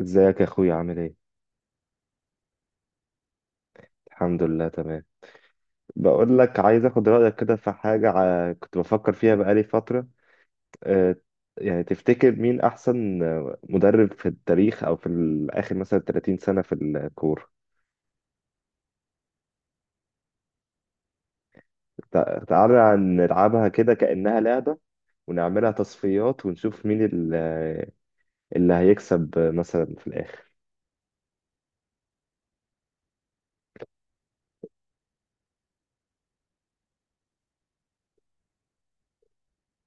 ازيك يا اخويا، عامل ايه؟ الحمد لله، تمام. بقول لك، عايز اخد رايك كده في حاجه كنت بفكر فيها بقالي فتره. آه، يعني تفتكر مين احسن مدرب في التاريخ او في اخر، مثلا 30 سنه في الكوره. تعالى نلعبها كده كانها لعبه، ونعملها تصفيات ونشوف مين اللي هيكسب مثلا في الاخر.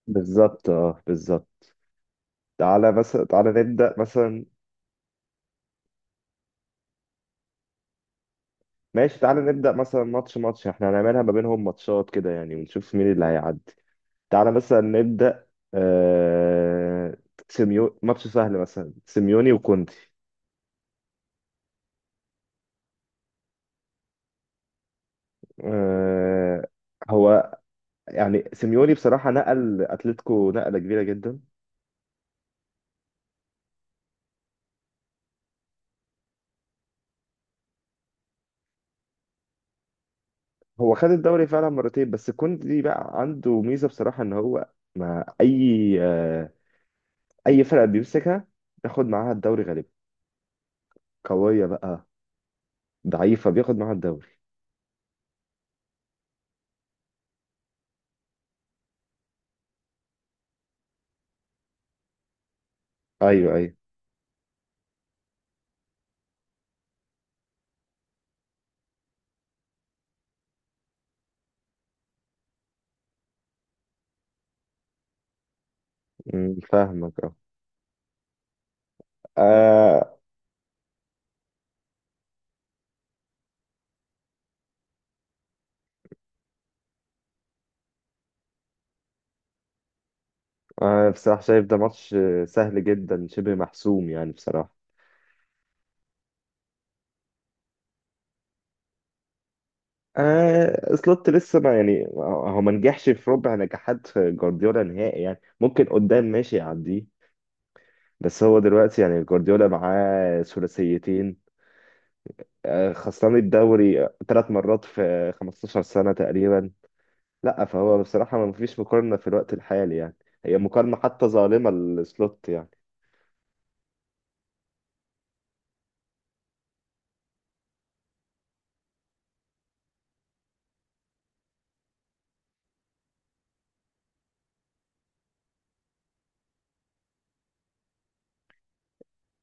بالظبط، اه بالظبط. تعالى مثلا، تعالى نبدا مثلا. ماشي، تعالى نبدأ مثلا ماتش ماتش، احنا هنعملها ما بينهم ماتشات كده يعني، ونشوف مين اللي هيعدي. تعالى مثلا نبدأ. آه... سيميو ماتش سهل مثلا، سيميوني وكونتي. آه... هو يعني سيميوني بصراحة نقل أتلتيكو نقلة كبيرة جدا. هو خد الدوري فعلا مرتين، بس كونتي بقى عنده ميزة بصراحة، إن هو مع أي أي فرقة بيمسكها بياخد معاها الدوري غالبا. قوية بقى، ضعيفة بياخد معاها الدوري. أيوه أيوه. فاهمك، أه. آه. أنا بصراحة شايف ده ماتش سهل جدا، شبه محسوم يعني بصراحة. آه، سلوت لسه ما يعني هو ما نجحش في ربع نجاحات جوارديولا نهائي، يعني ممكن قدام ماشي يعديه. بس هو دلوقتي يعني جوارديولا معاه ثلاثيتين، آه، خسران الدوري 3 مرات في 15 سنة تقريبا. لا، فهو بصراحة ما فيش مقارنة في الوقت الحالي يعني، هي مقارنة حتى ظالمة لسلوت يعني.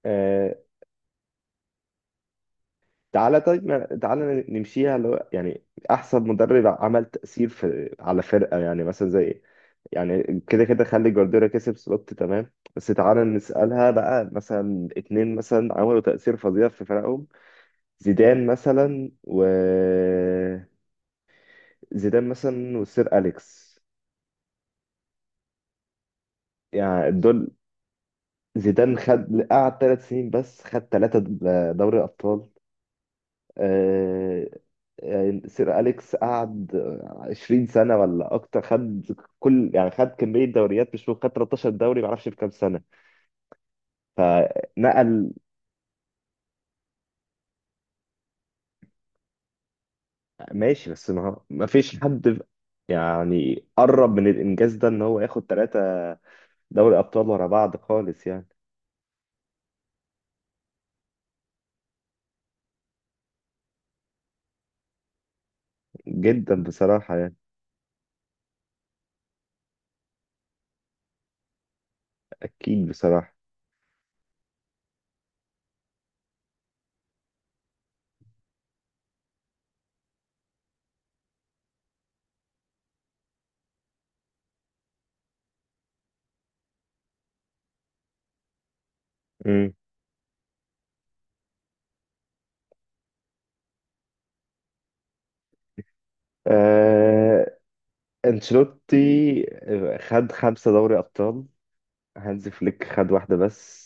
آه، تعالى طيب تعالى نمشيها، اللي هو يعني احسن مدرب عمل تأثير في على فرقة، يعني مثلا زي، يعني كده كده خلي جوارديولا كسب سلوت تمام، بس تعالى نسألها بقى، مثلا اتنين مثلا عملوا تأثير فظيع في فرقهم. زيدان مثلا و زيدان مثلا والسير أليكس. يعني دول زيدان خد، قعد 3 سنين بس خد 3 دوري أبطال. آه، يعني سير أليكس قعد 20 سنة ولا أكتر، خد كل يعني خد كمية دوريات، مش ممكن خد 13 دوري ما أعرفش في كام سنة. فنقل، ماشي. بس ما ما فيش حد يعني قرب من الإنجاز ده، إن هو ياخد 3 دوري أبطال ورا بعض خالص يعني. جدا بصراحة يعني. أكيد بصراحة. مم. آه، أنشيلوتي خد 5 دوري أبطال، هانز فليك خد واحدة بس.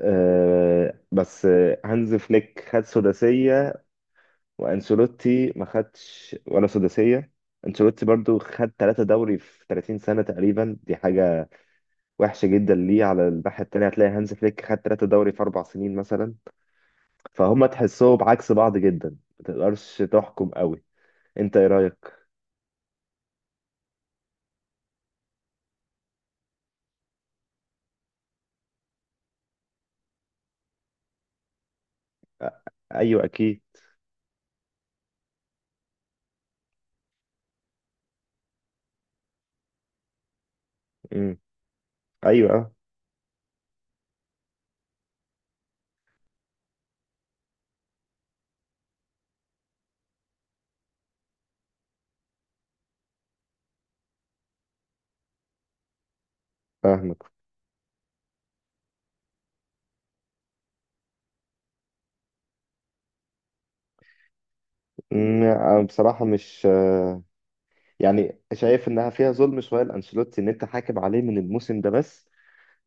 آه بس آه، هانز فليك خد سداسية، وأنشيلوتي ما خدش ولا سداسية. أنشيلوتي برضو خد 3 دوري في 30 سنة تقريبا، دي حاجة وحشة جدا. ليه؟ على الناحية التانية هتلاقي هانز فليك خد 3 دوري في 4 سنين مثلا. فهم تحسهم عكس بعض جدا، ما تقدرش تحكم قوي. أنت إيه رأيك؟ آه. أيوه أكيد. مم. أيوه، آه. فاهمك. مم، آه، بصراحة مش آه، يعني شايف انها فيها ظلم شويه لانشيلوتي ان انت حاكم عليه من الموسم ده بس.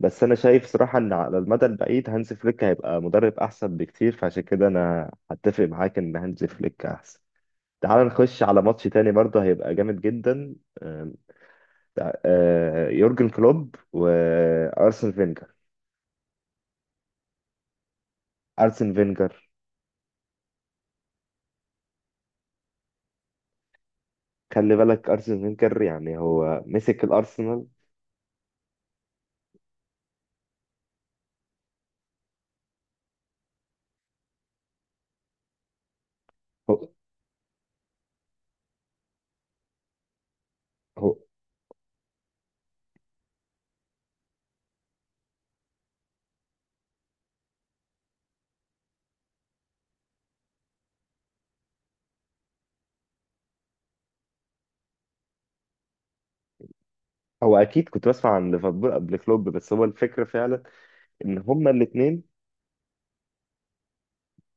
بس انا شايف صراحه ان على المدى البعيد هانز فليك هيبقى مدرب احسن بكتير، فعشان كده انا هتفق معاك ان هانز فليك احسن. تعال نخش على ماتش تاني برضه هيبقى جامد جدا. آم، تع- آه، يورجن كلوب وارسن فينجر. ارسن فينجر. خلي بالك ارسن فينجر يعني هو مسك الارسنال. هو هو هو اكيد كنت بسمع عن ليفربول قبل كلوب، بس هو الفكره فعلا ان هما الاثنين.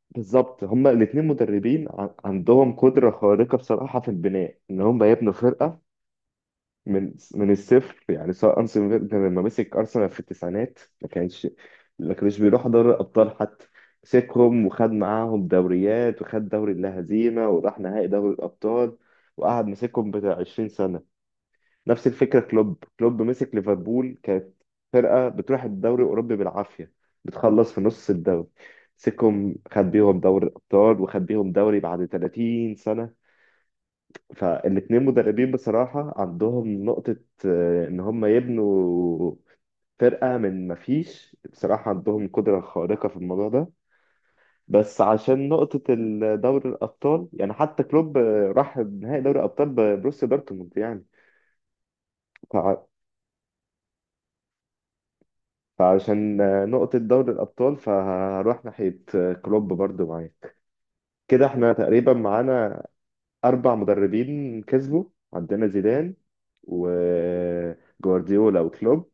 بالظبط، هما الاتنين مدربين عندهم قدرة خارقة بصراحة في البناء، إن هما يبنوا فرقة من الصفر يعني. سواء أرسن فينجر لما مسك أرسنال في التسعينات ما كانش، ما كانش بيروح دوري الأبطال حتى. مسكهم وخد معاهم دوريات وخد دوري اللا هزيمة وراح نهائي دوري الأبطال، وقعد مسكهم بتاع 20 سنة. نفس الفكره، كلوب مسك ليفربول كانت فرقه بتروح الدوري الاوروبي بالعافيه، بتخلص في نص الدوري. مسكهم خد بيهم دوري الابطال وخد بيهم دوري بعد 30 سنه. فالاتنين مدربين بصراحه عندهم نقطه، آه، ان هم يبنوا فرقه من ما فيش، بصراحه عندهم قدره خارقه في الموضوع ده. بس عشان نقطة دوري الأبطال يعني، حتى كلوب آه، راح نهائي دوري الأبطال ببروسيا دورتموند يعني. فعشان آه، نقطة دوري الأبطال فهروح ناحية آه، كلوب برضو معاك. كده احنا تقريبا معانا 4 مدربين كسبوا: عندنا زيدان وجوارديولا وكلوب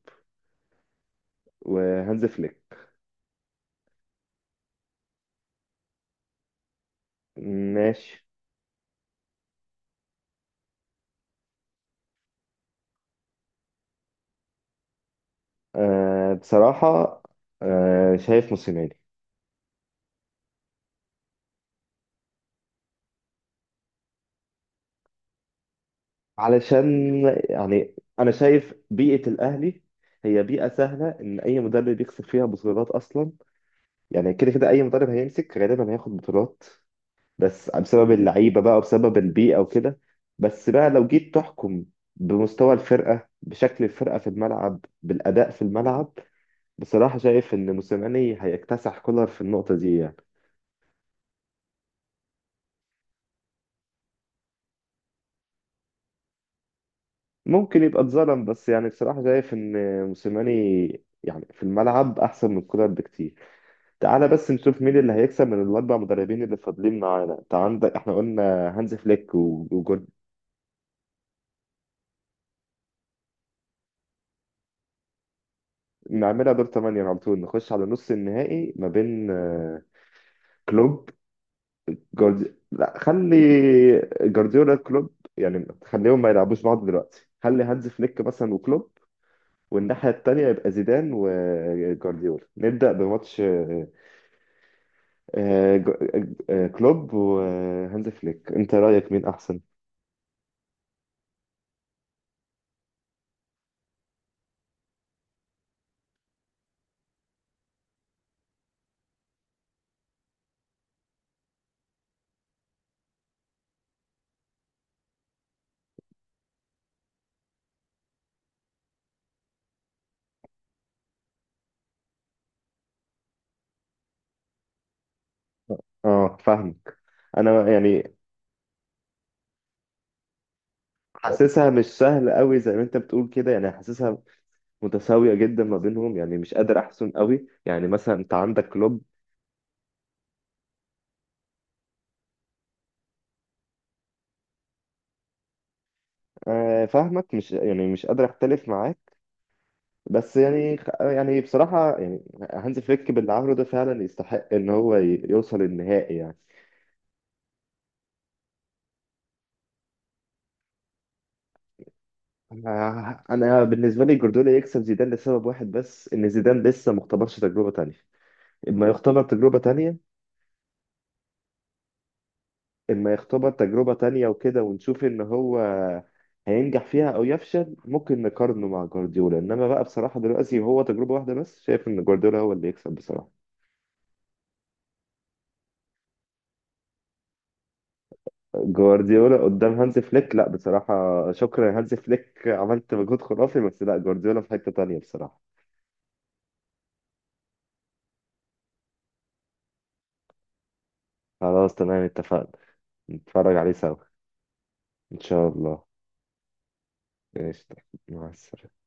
وهانز فليك. ماشي. أه بصراحة، أه شايف موسيماني. علشان يعني أنا شايف بيئة الأهلي هي بيئة سهلة إن أي مدرب يكسب فيها بطولات أصلا. يعني كده كده أي مدرب هيمسك غالبا هياخد بطولات، بس بسبب اللعيبه بقى وبسبب البيئه وكده. بس بقى لو جيت تحكم بمستوى الفرقه، بشكل الفرقه في الملعب، بالاداء في الملعب، بصراحه شايف ان موسيماني هيكتسح كولر في النقطه دي يعني. ممكن يبقى اتظلم، بس يعني بصراحه شايف ان موسيماني يعني في الملعب احسن من كولر بكتير. تعالى بس نشوف مين اللي هيكسب من الاربع مدربين اللي فاضلين معانا. انت عندك، احنا قلنا هانز فليك وجول. نعملها دور 8 على طول، نخش على نص النهائي ما بين آه، كلوب، جوارديولا، لا خلي جوارديولا كلوب، يعني خليهم ما يلعبوش بعض دلوقتي، خلي هانز فليك مثلا وكلوب، والناحية التانية يبقى زيدان وجوارديولا. نبدأ بماتش آه، آه، كلوب وهانز فليك، انت رأيك مين احسن؟ اه فاهمك. انا يعني حاسسها مش سهل قوي زي ما انت بتقول كده يعني، حاسسها متساوية جدا ما بينهم، يعني مش قادر احسن قوي، يعني مثلا انت عندك كلوب. آه، فاهمك، مش يعني مش قادر اختلف معاك. بس يعني، يعني بصراحة يعني هانز فليك باللي عمله ده فعلا يستحق إن هو يوصل النهائي يعني. أنا بالنسبة لي جوارديولا يكسب زيدان لسبب واحد بس، إن زيدان لسه ما اختبرش تجربة تانية. إما يختبر تجربة تانية إما يختبر تجربة تانية وكده، ونشوف إن هو هينجح فيها أو يفشل ممكن نقارنه مع جوارديولا. إنما بقى بصراحة دلوقتي هو تجربة واحدة بس، شايف إن جوارديولا هو اللي يكسب بصراحة. جوارديولا قدام هانز فليك، لا بصراحة شكرا يا هانز فليك عملت مجهود خرافي، بس لا جوارديولا في حتة تانية بصراحة. خلاص تمام، اتفقنا. نتفرج عليه سوا إن شاء الله. ماشي، مع السلامة.